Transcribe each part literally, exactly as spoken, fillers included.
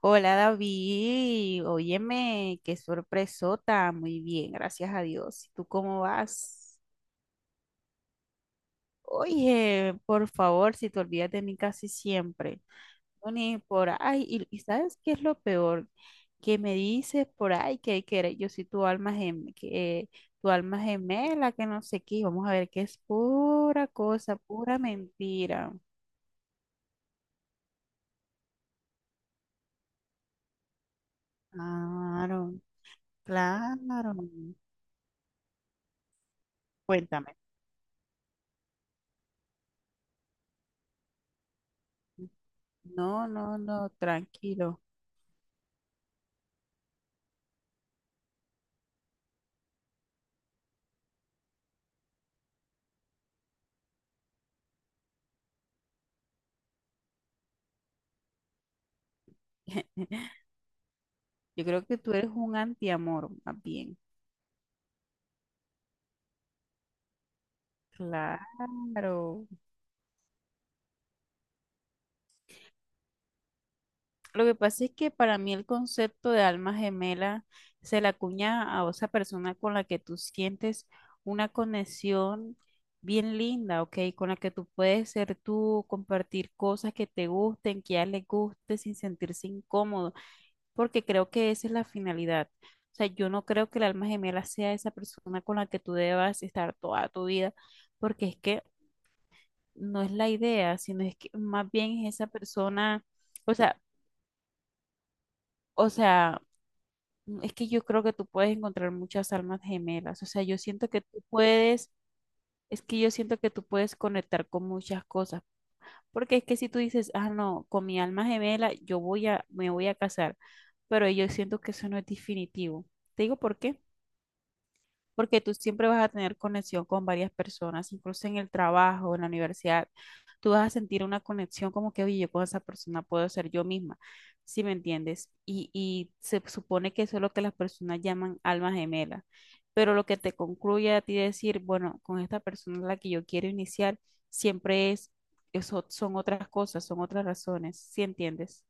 Hola David, óyeme, qué sorpresota, muy bien, gracias a Dios. ¿Y tú cómo vas? Oye, por favor, si te olvidas de mí casi siempre, no, ni por ahí, y, y ¿sabes qué es lo peor? Que me dices por ahí que, que eres- yo soy tu alma gemela, que, tu alma gemela, que no sé qué, y vamos a ver que es pura cosa, pura mentira. Claro, claro, cuéntame. No, no, no, tranquilo. Yo creo que tú eres un antiamor, más bien. Claro. Lo que pasa es que para mí el concepto de alma gemela se la acuña a esa persona con la que tú sientes una conexión bien linda, ¿ok? Con la que tú puedes ser tú, compartir cosas que te gusten, que a ella le guste sin sentirse incómodo, porque creo que esa es la finalidad. O sea, yo no creo que el alma gemela sea esa persona con la que tú debas estar toda tu vida, porque es que no es la idea, sino es que más bien es esa persona, o sea, o sea, mm, es que yo creo que tú puedes encontrar muchas almas gemelas, o sea, yo siento que tú puedes, es que yo siento que tú puedes conectar con muchas cosas, porque es que si tú dices, ah, no, con mi alma gemela yo voy a, me voy a casar, pero yo siento que eso no es definitivo. Te digo por qué. Porque tú siempre vas a tener conexión con varias personas, incluso en el trabajo, en la universidad, tú vas a sentir una conexión como que, oye, yo con esa persona puedo ser yo misma, ¿si me entiendes? Y, y se supone que eso es lo que las personas llaman alma gemela, pero lo que te concluye a ti decir, bueno, con esta persona es la que yo quiero iniciar, siempre es, eso son otras cosas, son otras razones, ¿si entiendes?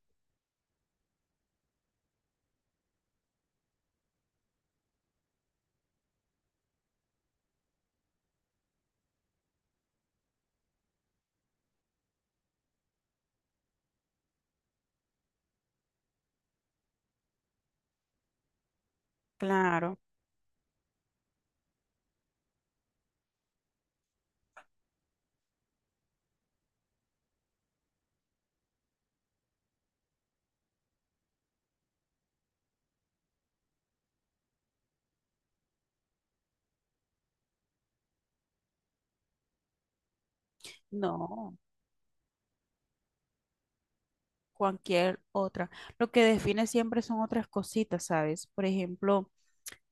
Claro, no. Cualquier otra. Lo que define siempre son otras cositas, ¿sabes? Por ejemplo,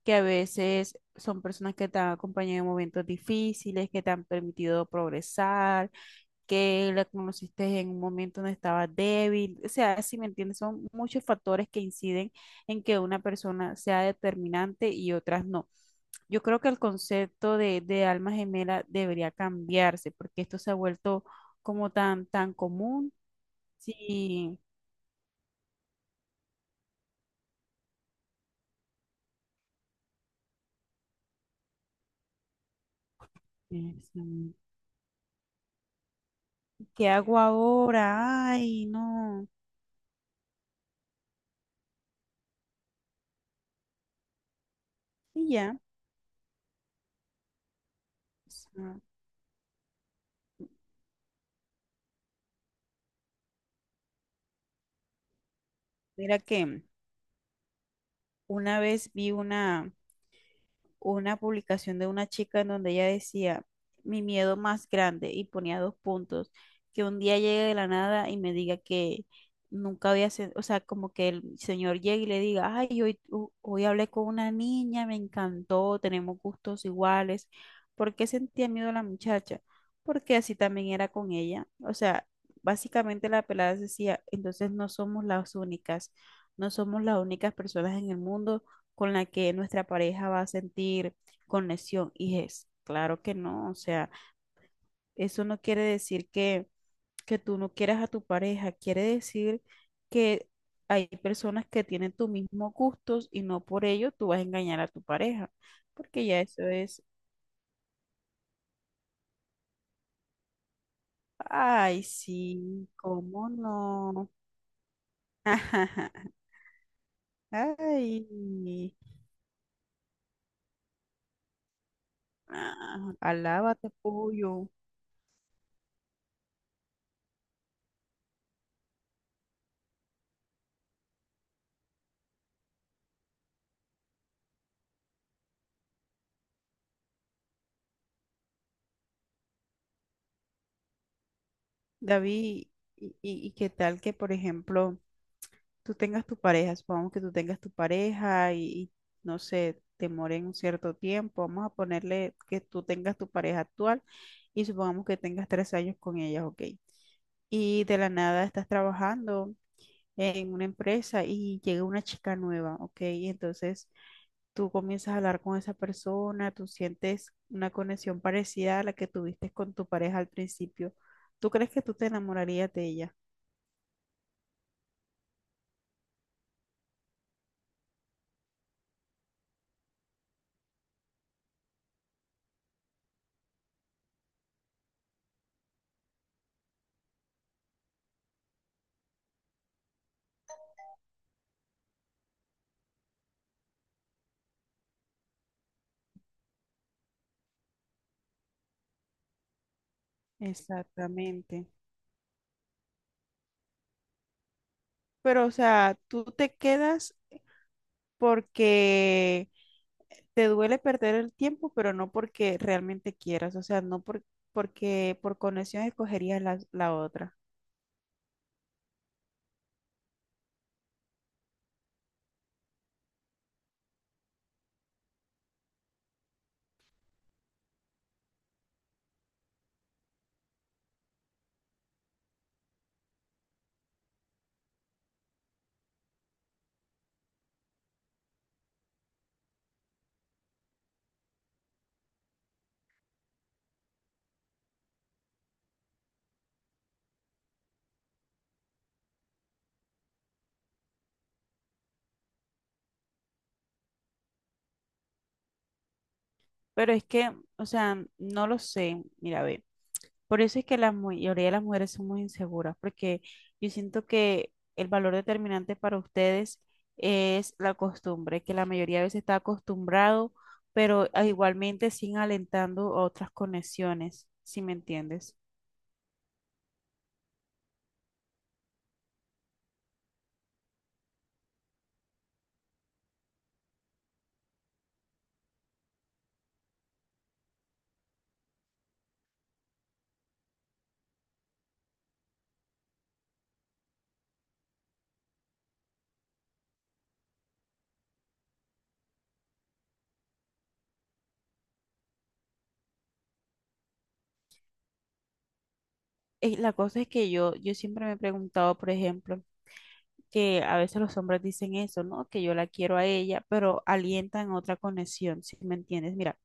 que a veces son personas que te han acompañado en momentos difíciles, que te han permitido progresar, que la conociste en un momento donde estabas débil. O sea, si me entiendes, son muchos factores que inciden en que una persona sea determinante y otras no. Yo creo que el concepto de, de alma gemela debería cambiarse porque esto se ha vuelto como tan, tan común. Sí, exacto. ¿Qué hago ahora? Ay, no. Y ya. O sea, mira que una vez vi una. una publicación de una chica en donde ella decía, mi miedo más grande, y ponía dos puntos, que un día llegue de la nada y me diga que nunca había, sen- o sea, como que el señor llegue y le diga, ay, hoy, tu- hoy hablé con una niña, me encantó, tenemos gustos iguales. ¿Por qué sentía miedo la muchacha? Porque así también era con ella. O sea, básicamente la pelada decía, entonces no somos las únicas, no somos las únicas personas en el mundo con la que nuestra pareja va a sentir conexión. Y es, claro que no, o sea, eso no quiere decir que, que tú no quieras a tu pareja, quiere decir que hay personas que tienen tus mismos gustos y no por ello tú vas a engañar a tu pareja, porque ya eso es. Ay, sí, ¿cómo no? Ay, ah, alábate, pollo. David, y, y- y qué tal que, por ejemplo, tú tengas tu pareja, supongamos que tú tengas tu pareja y, y, no sé, te mueren un cierto tiempo, vamos a ponerle que tú tengas tu pareja actual y supongamos que tengas tres años con ella, ok. Y de la nada estás trabajando en una empresa y llega una chica nueva, ok. Y entonces tú comienzas a hablar con esa persona, tú sientes una conexión parecida a la que tuviste con tu pareja al principio. ¿Tú crees que tú te enamorarías de ella? Exactamente. Pero, o sea, tú te quedas porque te duele perder el tiempo, pero no porque realmente quieras, o sea, no por- porque por conexión escogerías la, la otra. Pero es que, o sea, no lo sé, mira, ve, por eso es que la mayoría de las mujeres son muy inseguras, porque yo siento que el valor determinante para ustedes es la costumbre, que la mayoría de veces está acostumbrado, pero ah, igualmente siguen alentando otras conexiones, si me entiendes. Eh, La cosa es que yo, yo siempre me he preguntado, por ejemplo, que a veces los hombres dicen eso, ¿no? Que yo la quiero a ella, pero alientan otra conexión, ¿si me entiendes? Mira,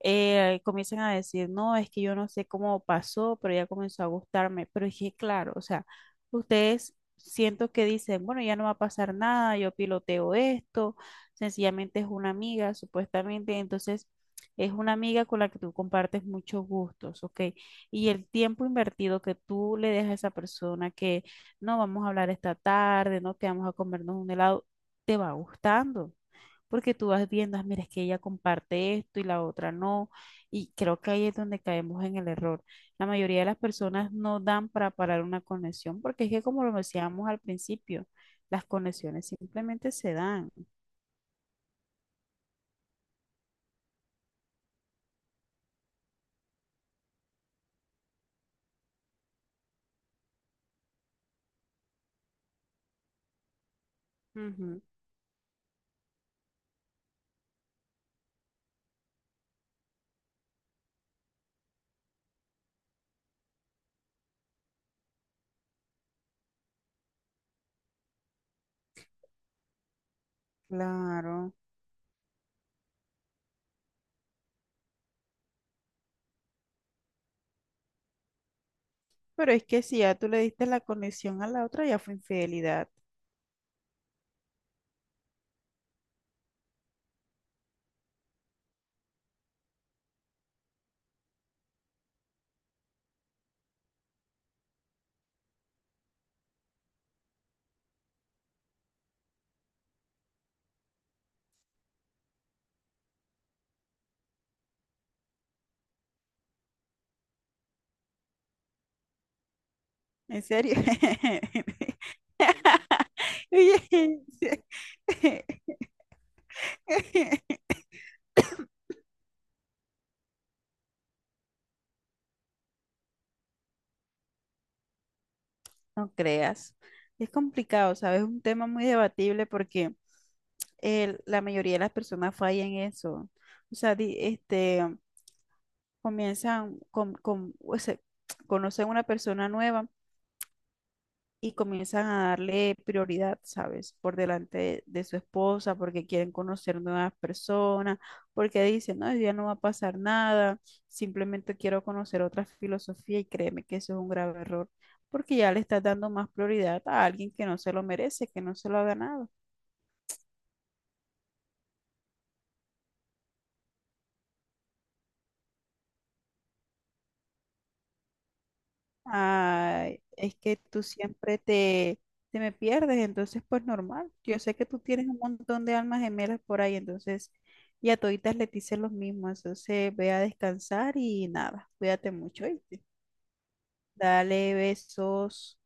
eh, comienzan a decir, no, es que yo no sé cómo pasó, pero ya comenzó a gustarme. Pero es que, claro, o sea, ustedes siento que dicen, bueno, ya no va a pasar nada, yo piloteo esto, sencillamente es una amiga, supuestamente. Entonces, es una amiga con la que tú compartes muchos gustos, ¿ok? Y el tiempo invertido que tú le dejas a esa persona, que no, vamos a hablar esta tarde, no, que vamos a comernos un helado, te va gustando porque tú vas viendo: "Ah, mira, es que ella comparte esto y la otra no", y creo que ahí es donde caemos en el error. La mayoría de las personas no dan para parar una conexión, porque es que como lo decíamos al principio, las conexiones simplemente se dan. Ujú. Claro, pero es que si ya tú le diste la conexión a la otra, ya fue infidelidad. ¿En serio? Oye. No creas. Es complicado, ¿sabes? Es un tema muy debatible porque el- la mayoría de las personas fallan en eso. O sea, di- este, comienzan con, con, o sea, conocen una persona nueva y comienzan a darle prioridad, ¿sabes? Por delante de, de su esposa, porque quieren conocer nuevas personas, porque dicen, no, hoy día no va a pasar nada, simplemente quiero conocer otra filosofía y créeme que eso es un grave error, porque ya le estás dando más prioridad a alguien que no se lo merece, que no se lo ha ganado. Ay, es que tú siempre te, te me pierdes, entonces pues normal. Yo sé que tú tienes un montón de almas gemelas por ahí, entonces y a toditas les dices los mismos, entonces ve a descansar y nada, cuídate mucho, ¿oíste? Dale besos.